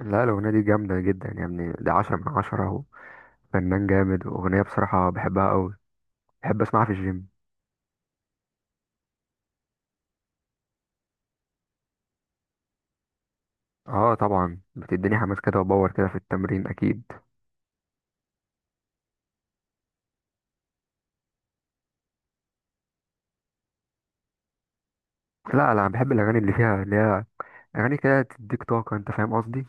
لا الأغنية دي جامدة جدا يا ابني، دي عشرة من عشرة وفنان جامد وأغنية بصراحة بحبها أوي. بحب أسمعها في الجيم. اه طبعا بتديني حماس كده وباور كده في التمرين أكيد. لا لا بحب الأغاني اللي فيها اللي هي أغاني كده تديك طاقة، أنت فاهم قصدي.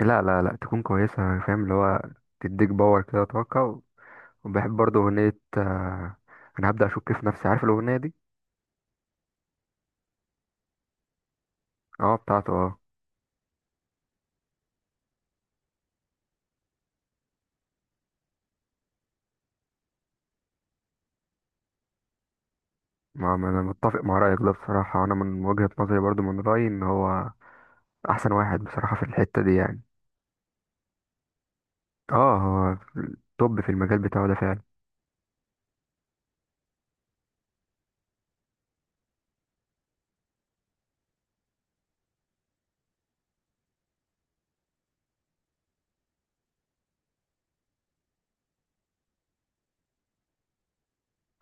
لا لا لا تكون كويسة. فاهم اللي هو تديك باور كده طاقة. وبحب برضه أغنية. أنا هبدأ أشك في نفسي، عارف الأغنية دي. اه بتاعته اه. أنا متفق مع رأيك ده بصراحة، أنا من وجهة نظري برضه من رأيي إن هو أحسن واحد بصراحة في الحتة دي يعني. اه هو توب في المجال بتاعه ده فعلا.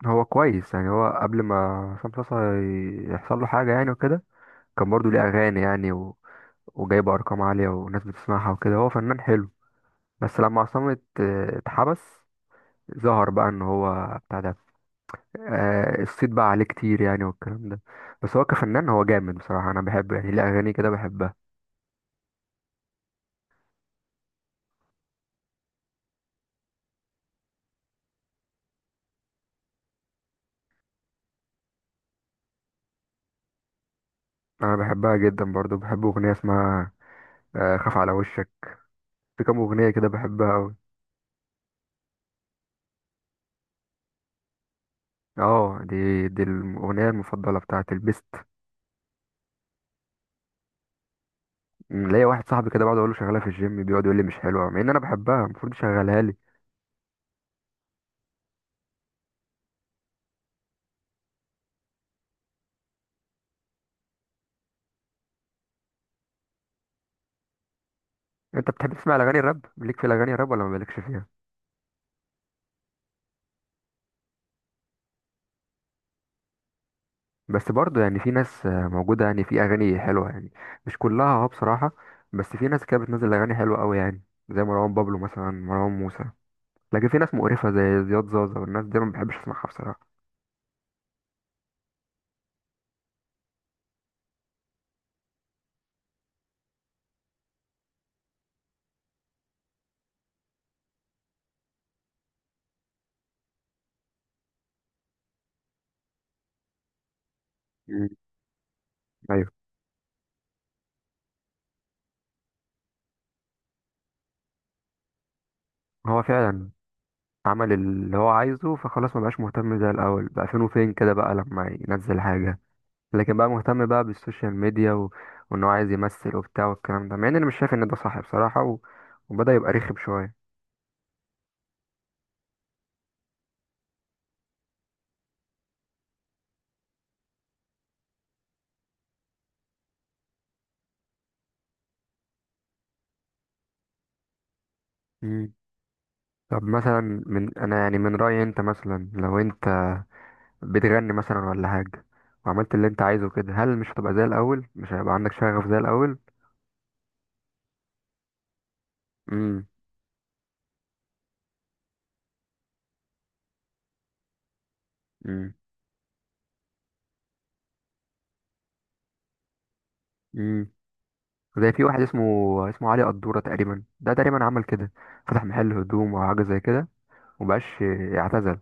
هو كويس يعني، هو قبل ما عصام صاصا يحصل له حاجة يعني وكده، كان برضه ليه أغاني يعني وجايب أرقام عالية وناس بتسمعها وكده، هو فنان حلو. بس لما عصام اتحبس، ظهر بقى ان هو بتاع ده. آه الصيت بقى عليه كتير يعني والكلام ده. بس هو كفنان هو جامد بصراحة، انا بحبه يعني، ليه اغاني كده بحبها. انا بحبها جدا برضه. بحب اغنية اسمها خاف على وشك. في كام اغنية كده بحبها أوي. اه دي الاغنيه المفضله بتاعت البيست. ليا واحد صاحبي كده بقعد اقول له شغاله في الجيم، بيقعد يقول لي مش حلوه، مع ان انا بحبها، المفروض يشغلها لي. انت بتحب تسمع الاغاني الراب؟ ليك في الاغاني الراب ولا ما مالكش فيها؟ بس برضه يعني في ناس موجوده يعني، في اغاني حلوه يعني، مش كلها اه بصراحه. بس في ناس كده بتنزل اغاني حلوه قوي يعني، زي مروان بابلو مثلا، مروان موسى. لكن في ناس مقرفه زي زياد زازا والناس دي ما بحبش اسمعها بصراحه. م، ايوه. هو فعلا عمل اللي هو عايزه فخلاص مبقاش مهتم زي الأول، بقى فين وفين كده بقى لما ينزل حاجة. لكن بقى مهتم بقى بالسوشيال ميديا وإن هو عايز يمثل وبتاع والكلام ده، مع إن أنا مش شايف إن ده صح بصراحة وبدأ يبقى رخم شوية. مم. طب مثلا، من أنا يعني من رأيي، أنت مثلا لو أنت بتغني مثلا ولا حاجة وعملت اللي أنت عايزه كده، هل مش هتبقى زي الأول؟ مش هيبقى عندك شغف زي الأول؟ مم. مم. مم. زي في واحد اسمه علي قدورة تقريبا. ده تقريبا عمل كده، فتح محل هدوم او حاجه زي كده، ومبقاش يعتزل.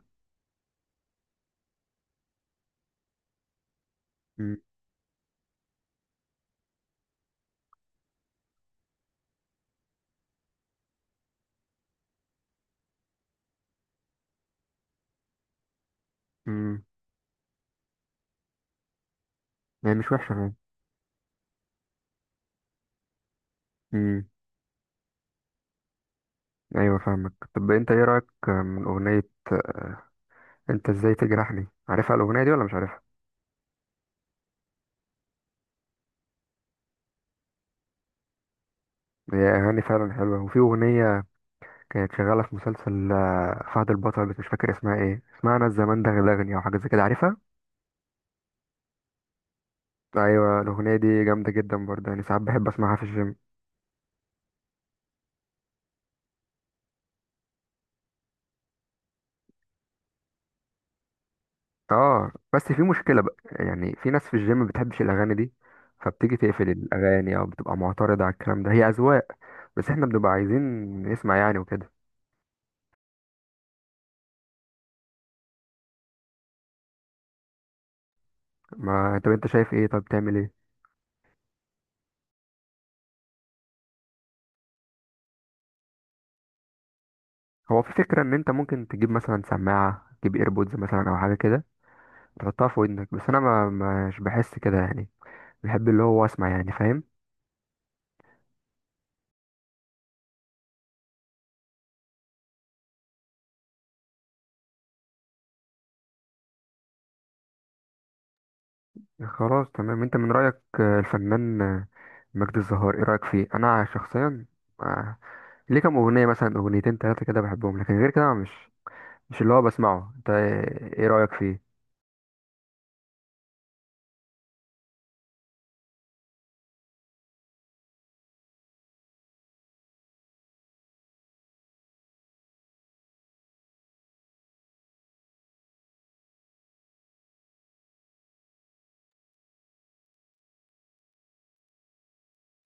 مم. مم. يعني مش وحشة يعني. امم. ايوه فاهمك. طب انت ايه رأيك من اغنية انت ازاي تجرحني؟ عارفها الاغنية دي ولا مش عارفها؟ هي اغاني فعلا حلوة. وفي اغنية كانت شغالة في مسلسل فهد البطل، بس مش فاكر اسمها ايه. اسمها انا الزمان دغدغني او حاجة زي كده، عارفها. ايوه الاغنية دي جامدة جدا برضه، يعني ساعات بحب اسمعها في الجيم. اه بس في مشكلة بقى يعني، في ناس في الجيم ما بتحبش الأغاني دي، فبتيجي تقفل الأغاني أو بتبقى معترضة على الكلام ده. هي أذواق، بس احنا بنبقى عايزين نسمع يعني وكده. ما طب انت شايف ايه؟ طب تعمل ايه؟ هو في فكرة ان انت ممكن تجيب مثلا سماعة، تجيب ايربودز مثلا او حاجة كده تحطها في ودنك، بس انا ما مش بحس كده يعني، بحب اللي هو اسمع يعني، فاهم. خلاص تمام. انت من رأيك الفنان مجدي الزهار، ايه رأيك فيه؟ انا شخصيا آه، ليه كام اغنيه مثلا، اغنيتين ثلاثه كده بحبهم، لكن غير كده أنا مش اللي هو بسمعه. انت إيه رايك فيه؟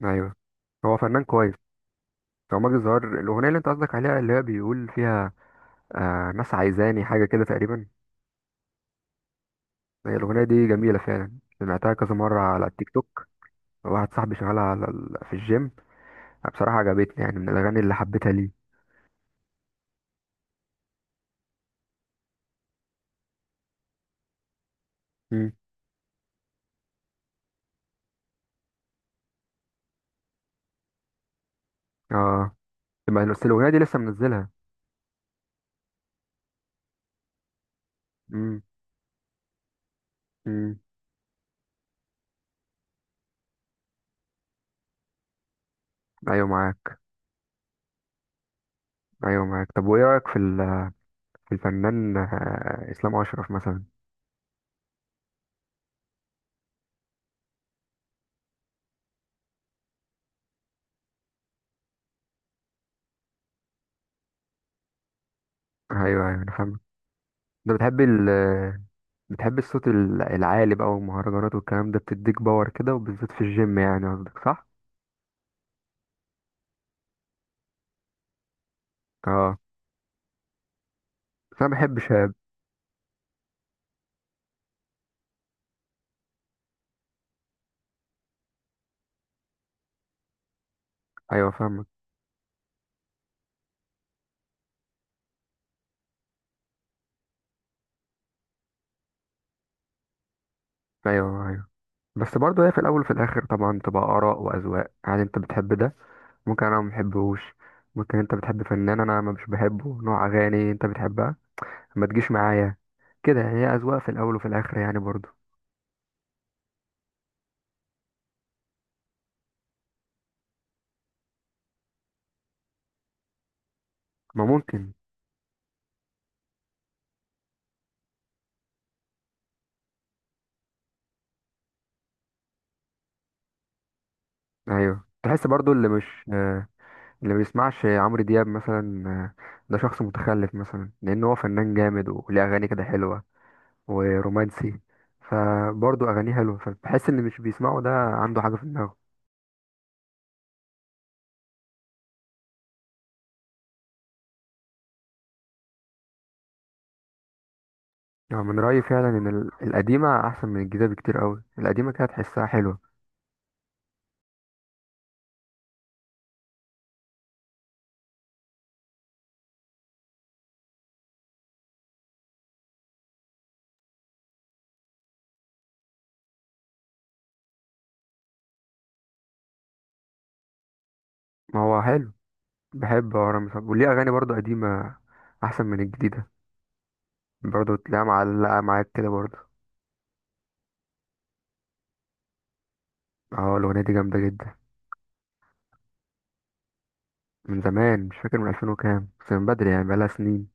ايوه هو فنان كويس. هو ماجد الزهار الاغنيه اللي انت قصدك عليها اللي هي بيقول فيها ناس عايزاني حاجه كده تقريبا. هي الاغنيه دي جميله فعلا، سمعتها كذا مره على التيك توك. واحد صاحبي شغالها على في الجيم. بصراحه عجبتني يعني، من الاغاني اللي حبيتها ليه. امم اه. طب بس الاغنيه دي لسه منزلها؟ امم. امم. ايوه معاك. ايوه معاك. طب وايه رايك في في الفنان اسلام اشرف مثلا؟ ايوه ايوه انا فاهم. انت بتحب بتحب الصوت العالي بقى والمهرجانات والكلام ده، بتديك باور كده وبالذات في الجيم يعني، قصدك صح؟ اه بس انا بحب شاب. ايوه فاهمك. ايوه ايوه بس برضه هي في الاول وفي الاخر طبعا تبقى اراء واذواق يعني. انت بتحب ده ممكن انا ما بحبهوش. ممكن انت بتحب فنان انا ما مش بحبه، نوع اغاني انت بتحبها ما تجيش معايا كده يعني. هي اذواق في الاول وفي الاخر يعني برضه. ما ممكن. ايوه تحس برضه اللي مش، اللي ما بيسمعش عمرو دياب مثلا ده شخص متخلف مثلا، لان هو فنان جامد وليه اغاني كده حلوه ورومانسي، فبرضه اغانيه حلوه، فبحس ان مش بيسمعه ده عنده حاجه في دماغه. يعني من رايي فعلا ان القديمه احسن من الجديده بكتير قوي. القديمه كده تحسها حلوه. ما هو حلو. بحب ورا مثلا وليه اغاني برضه قديمه احسن من الجديده، برضه تلاقيها معلقه معاك كده برضه. اه الاغنيه دي جامده جدا. من زمان مش فاكر، من 2000 وكام، بس من بدري يعني بقالها سنين.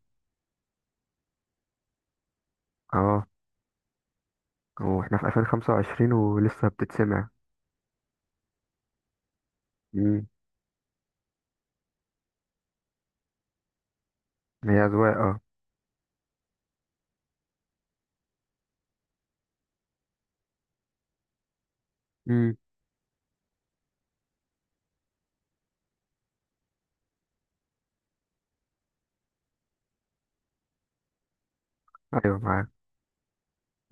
اه، واحنا في 2025 ولسه بتتسمع. امم هي أذواق اه. امم أيوه معاك.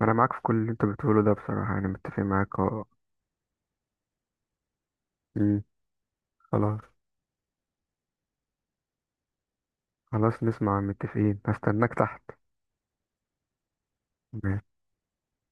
أنا معاك في كل اللي أنت بتقوله ده بصراحة، أنا متفق معاك اه. امم. خلاص. خلاص نسمع، متفقين، هستناك تحت.